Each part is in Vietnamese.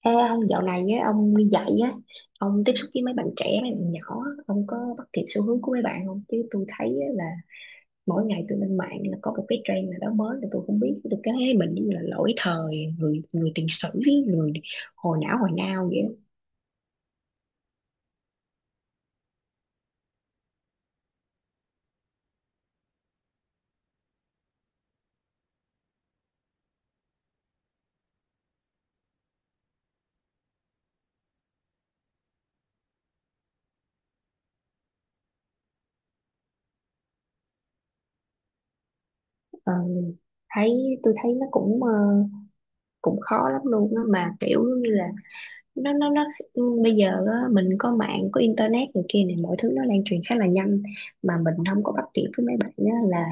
Ê ông dạo này á, ông đi dạy á, ông tiếp xúc với mấy bạn trẻ, mấy bạn nhỏ, ông có bắt kịp xu hướng của mấy bạn không? Chứ tôi thấy á, là mỗi ngày tôi lên mạng là có một cái trend nào đó mới là tôi không biết, tôi cứ thấy mình như là lỗi thời, người người tiền sử, người hồi não hồi now vậy. Á. Ờ, thấy tôi thấy nó cũng cũng khó lắm luôn á, mà kiểu như là nó ừ, bây giờ á, mình có mạng có internet này kia này mọi thứ nó lan truyền khá là nhanh mà mình không có bắt kịp với mấy bạn á, là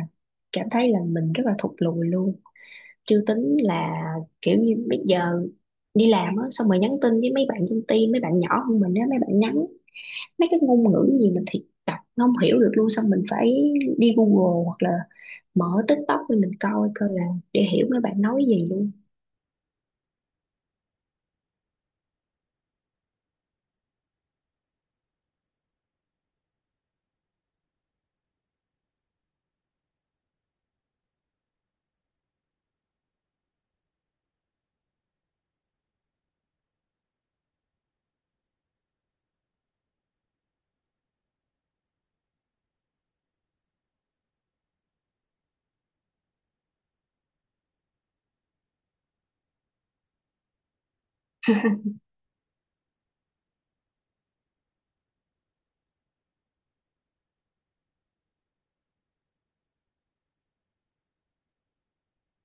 cảm thấy là mình rất là thụt lùi luôn, chưa tính là kiểu như bây giờ đi làm á xong rồi nhắn tin với mấy bạn trong team, mấy bạn nhỏ hơn mình á, mấy bạn nhắn mấy cái ngôn ngữ gì mình thì đọc không hiểu được luôn, xong mình phải đi Google hoặc là mở TikTok để mình coi coi là để hiểu mấy bạn nói gì luôn.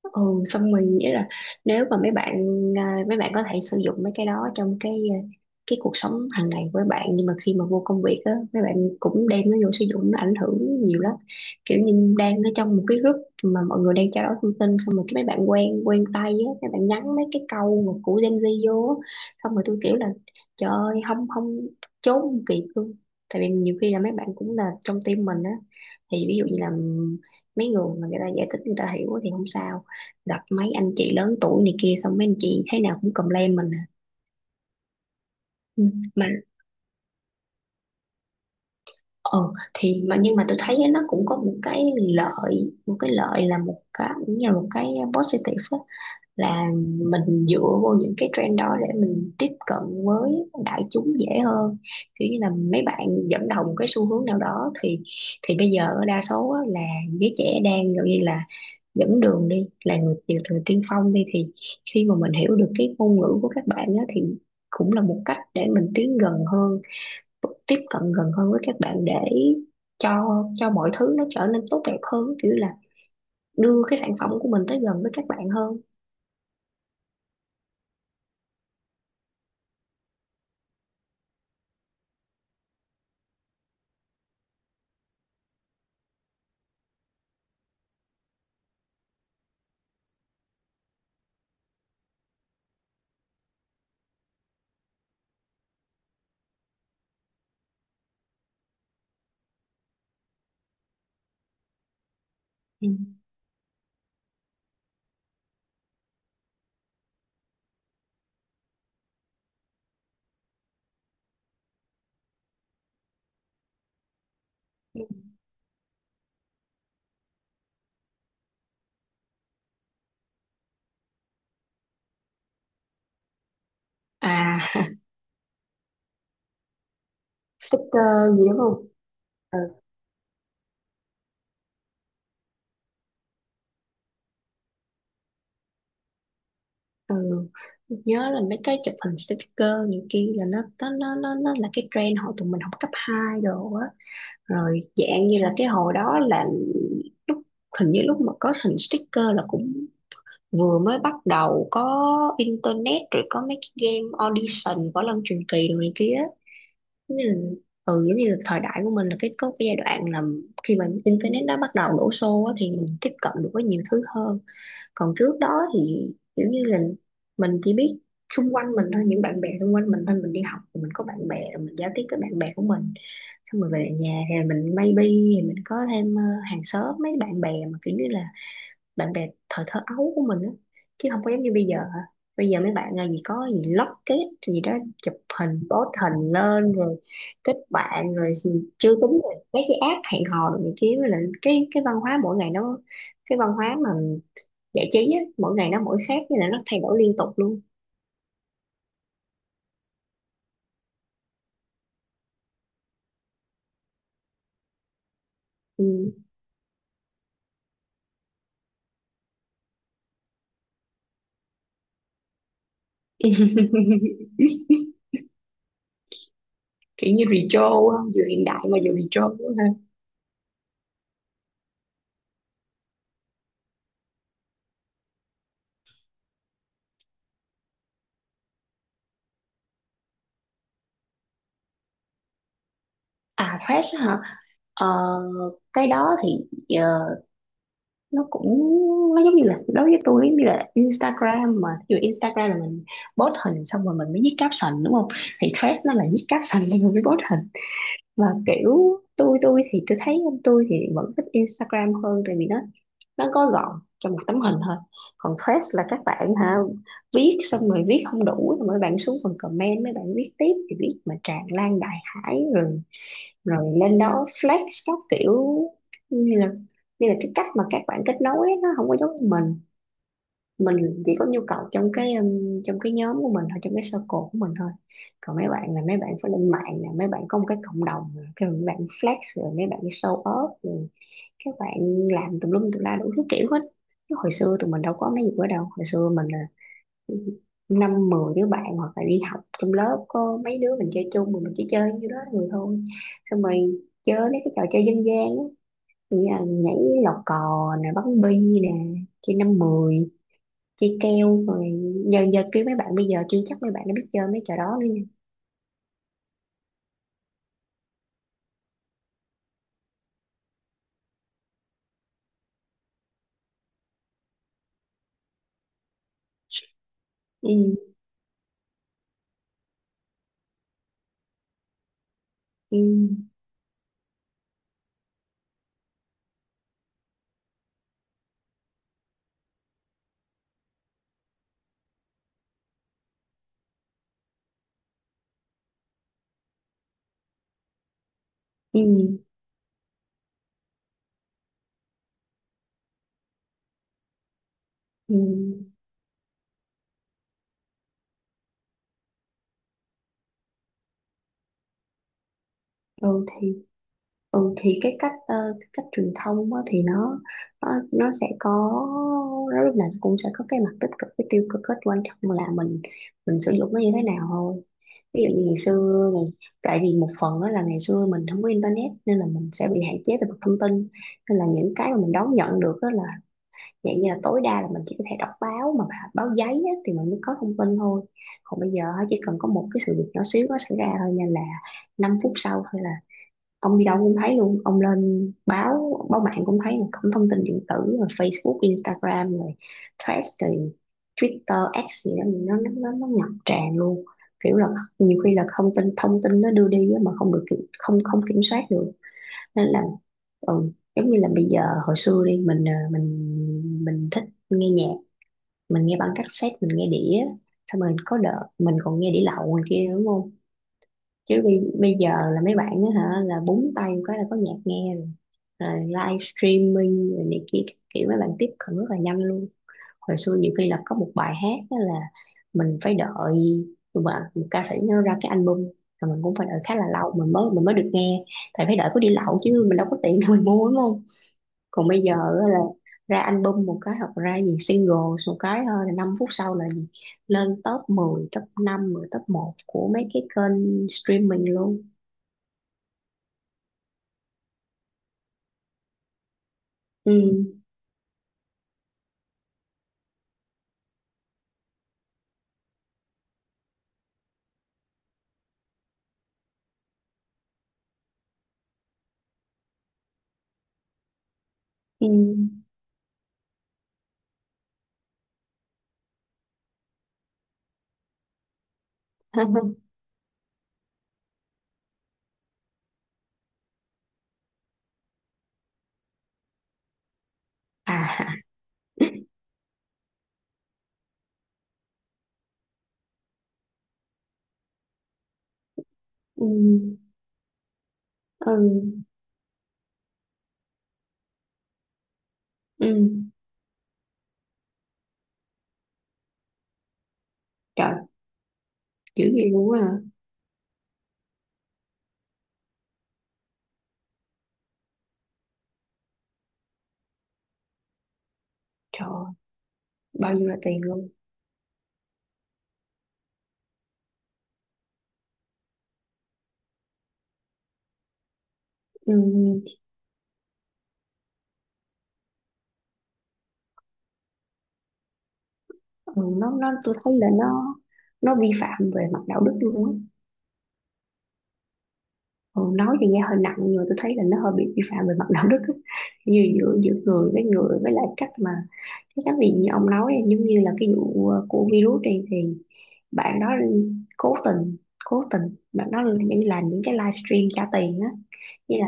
Ừ, xong mình nghĩ là nếu mà mấy bạn mấy bạn có thể sử dụng mấy cái đó trong cái cuộc sống hàng ngày với bạn, nhưng mà khi mà vô công việc á mấy bạn cũng đem nó vô sử dụng nó ảnh hưởng nhiều lắm, kiểu như đang ở trong một cái group mà mọi người đang trao đổi thông tin, xong rồi cái mấy bạn quen quen tay á mấy bạn nhắn mấy cái câu mà của Gen Z vô á, xong rồi tôi kiểu là trời ơi, không không, trốn không kịp luôn. Tại vì nhiều khi là mấy bạn cũng là trong team mình á, thì ví dụ như là mấy người mà người ta giải thích người ta hiểu thì không sao, gặp mấy anh chị lớn tuổi này kia xong mấy anh chị thế nào cũng complain mình à. Ừ. Mà ờ thì mà nhưng mà tôi thấy nó cũng có một cái lợi, một cái lợi là một cái cũng như là một cái positive á, là mình dựa vô những cái trend đó để mình tiếp cận với đại chúng dễ hơn, kiểu như là mấy bạn dẫn đầu một cái xu hướng nào đó thì bây giờ đa số á, là giới trẻ đang gần như là dẫn đường đi, là người tiểu thừa tiên phong đi, thì khi mà mình hiểu được cái ngôn ngữ của các bạn á thì cũng là một cách để mình tiến gần hơn, tiếp cận gần hơn với các bạn để cho mọi thứ nó trở nên tốt đẹp hơn, kiểu là đưa cái sản phẩm của mình tới gần với các bạn hơn. Ừ. À sticker gì đúng không. Ừ. Ừ. Nhớ là mấy cái chụp hình sticker những kia là nó là cái trend hồi tụi mình học cấp 2 đồ á, rồi dạng như là cái hồi đó là lúc, hình như lúc mà có hình sticker là cũng vừa mới bắt đầu có internet, rồi có mấy cái game audition võ lâm truyền kỳ rồi này kia á. Giống như là, ừ giống như là thời đại của mình là cái có cái giai đoạn là khi mà internet nó bắt đầu đổ xô á, thì mình tiếp cận được với nhiều thứ hơn. Còn trước đó thì kiểu như là mình chỉ biết xung quanh mình thôi, những bạn bè xung quanh mình thôi, mình đi học thì mình có bạn bè rồi mình giao tiếp với bạn bè của mình, xong rồi về lại nhà thì mình maybe thì mình có thêm hàng xóm, mấy bạn bè mà kiểu như là bạn bè thời thơ ấu của mình á, chứ không có giống như bây giờ. Bây giờ mấy bạn là gì có gì lót kết gì đó, chụp hình post hình lên rồi kết bạn rồi, thì chưa tính là mấy cái app hẹn hò rồi này kia, với lại cái văn hóa mỗi ngày nó cái văn hóa mà giải trí á mỗi ngày nó mỗi khác, nên là nó thay đổi liên tục luôn. Ừ. Kiểu như retro á, vừa hiện đại mà vừa retro nữa ha. À fresh hả? Ờ, cái đó thì ờ, nó cũng nó giống như là, đối với tôi giống như là Instagram, mà ví dụ Instagram là mình post hình xong rồi mình mới viết caption đúng không, thì Threads nó là viết caption lên rồi mới post hình. Và kiểu tôi thì tôi thấy, tôi thì vẫn thích Instagram hơn tại vì nó có gọn trong một tấm hình thôi. Còn Threads là các bạn hả viết xong rồi viết không đủ rồi mấy bạn xuống phần comment mấy bạn viết tiếp, thì viết mà tràn lan đại hải rồi, rồi lên đó flex các kiểu, như là như là cái cách mà các bạn kết nối ấy, nó không có giống mình. Mình chỉ có nhu cầu trong cái nhóm của mình thôi, trong cái circle của mình thôi. Còn mấy bạn là mấy bạn phải lên mạng nè, mấy bạn có một cái cộng đồng nè, cái mấy bạn flex rồi mấy bạn show off rồi, các bạn làm tùm lum tùm la đủ thứ kiểu hết. Chứ hồi xưa tụi mình đâu có mấy gì đó đâu, hồi xưa mình là năm mười đứa bạn hoặc là đi học trong lớp có mấy đứa mình chơi chung, mà mình chỉ chơi như đó người thôi, xong rồi chơi mấy cái trò chơi dân gian á, như là nhảy lò cò nè, bắn bi nè, chơi năm mười, chơi keo rồi giờ giờ kêu mấy bạn bây giờ chưa chắc mấy bạn đã biết chơi mấy trò đó nữa nha. Ừ, ừ, ừ, ừ. Ừ thì Ừ thì cái cách cái cách truyền thông á, thì nó sẽ có, nó lúc nào cũng sẽ có cái mặt tích cực với tiêu cực hết, quan trọng là mình sử dụng nó như thế nào thôi. Ví dụ như ngày xưa ngày, tại vì một phần đó là ngày xưa mình không có internet nên là mình sẽ bị hạn chế về mặt thông tin, nên là những cái mà mình đón nhận được đó là dạng như là tối đa là mình chỉ có thể đọc báo mà báo giấy á, thì mình mới có thông tin thôi. Còn bây giờ á, chỉ cần có một cái sự việc nhỏ xíu nó xảy ra thôi, nên là 5 phút sau thôi ông đi đâu cũng thấy luôn, ông lên báo báo mạng cũng thấy, mà không thông tin điện tử rồi Facebook Instagram rồi Threads rồi Twitter X gì đó nó ngập tràn luôn, kiểu là nhiều khi là thông tin, thông tin nó đưa đi á mà không được không không kiểm soát được, nên là ừ, giống như là bây giờ hồi xưa đi mình mình thích nghe nhạc, mình nghe băng cassette mình nghe đĩa, xong rồi có đợt mình còn nghe đĩa lậu ngoài kia nữa đúng không. Chứ bây giờ là mấy bạn á hả là búng tay một cái là có nhạc nghe rồi, rồi live streaming rồi này kia các kiểu mấy bạn tiếp cận rất là nhanh luôn. Hồi xưa nhiều khi là có một bài hát á là mình phải đợi, mà một ca sĩ nó ra cái album rồi mình cũng phải đợi khá là lâu mình mới được nghe, tại phải đợi có đi lậu chứ mình đâu có tiền để mình mua đúng không. Còn bây giờ á là ra album một cái hoặc ra gì single một cái thôi là 5 phút sau là gì lên top mười, top năm, mười, top một của mấy cái kênh streaming luôn. Ừ. Ừ. À. Ừ. Ừ. Ừ. Trời. Dữ vậy luôn á hả? Trời. Bao nhiêu là tiền luôn. Ừ, ừ nó tôi thấy là nó vi phạm về mặt đạo đức luôn á. Ừ, nói thì nghe hơi nặng nhưng mà tôi thấy là nó hơi bị vi phạm về mặt đạo đức á, như giữa giữa người với người, với lại cách mà Thế các vị như ông nói em giống như là cái vụ của virus này thì bạn đó cố tình, cố tình bạn đó những làm những cái livestream trả tiền á, như là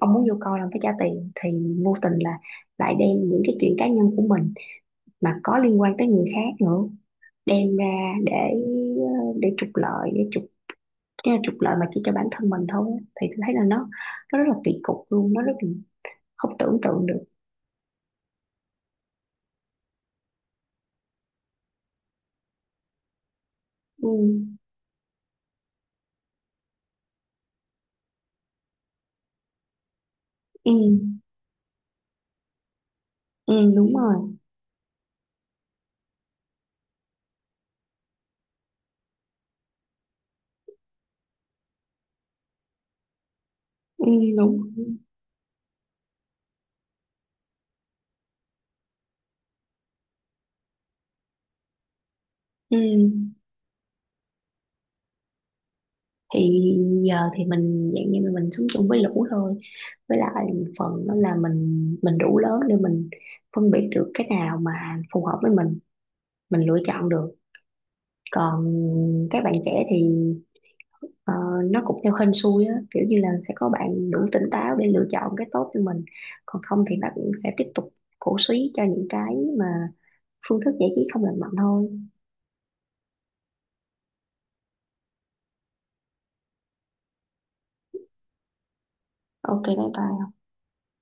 ông muốn vô coi ông phải trả tiền, thì vô tình là lại đem những cái chuyện cá nhân của mình mà có liên quan tới người khác nữa đem ra để để trục lợi, để trục, tức là trục lợi mà chỉ cho bản thân mình thôi á. Thì tôi thấy là nó rất là kỳ cục luôn, nó rất là không tưởng tượng được. Ừ, ừ, ừ đúng rồi. Ừ, đúng. Ừ. Thì giờ thì mình dạng như là mình sống chung với lũ thôi, với lại một phần đó là mình đủ lớn để mình phân biệt được cái nào mà phù hợp với mình lựa chọn được. Còn các bạn trẻ thì ờ, nó cũng theo hên xui á, kiểu như là sẽ có bạn đủ tỉnh táo để lựa chọn cái tốt cho mình, còn không thì bạn sẽ tiếp tục cổ suý cho những cái mà phương thức giải trí không lành mạnh thôi. Ok bye bye.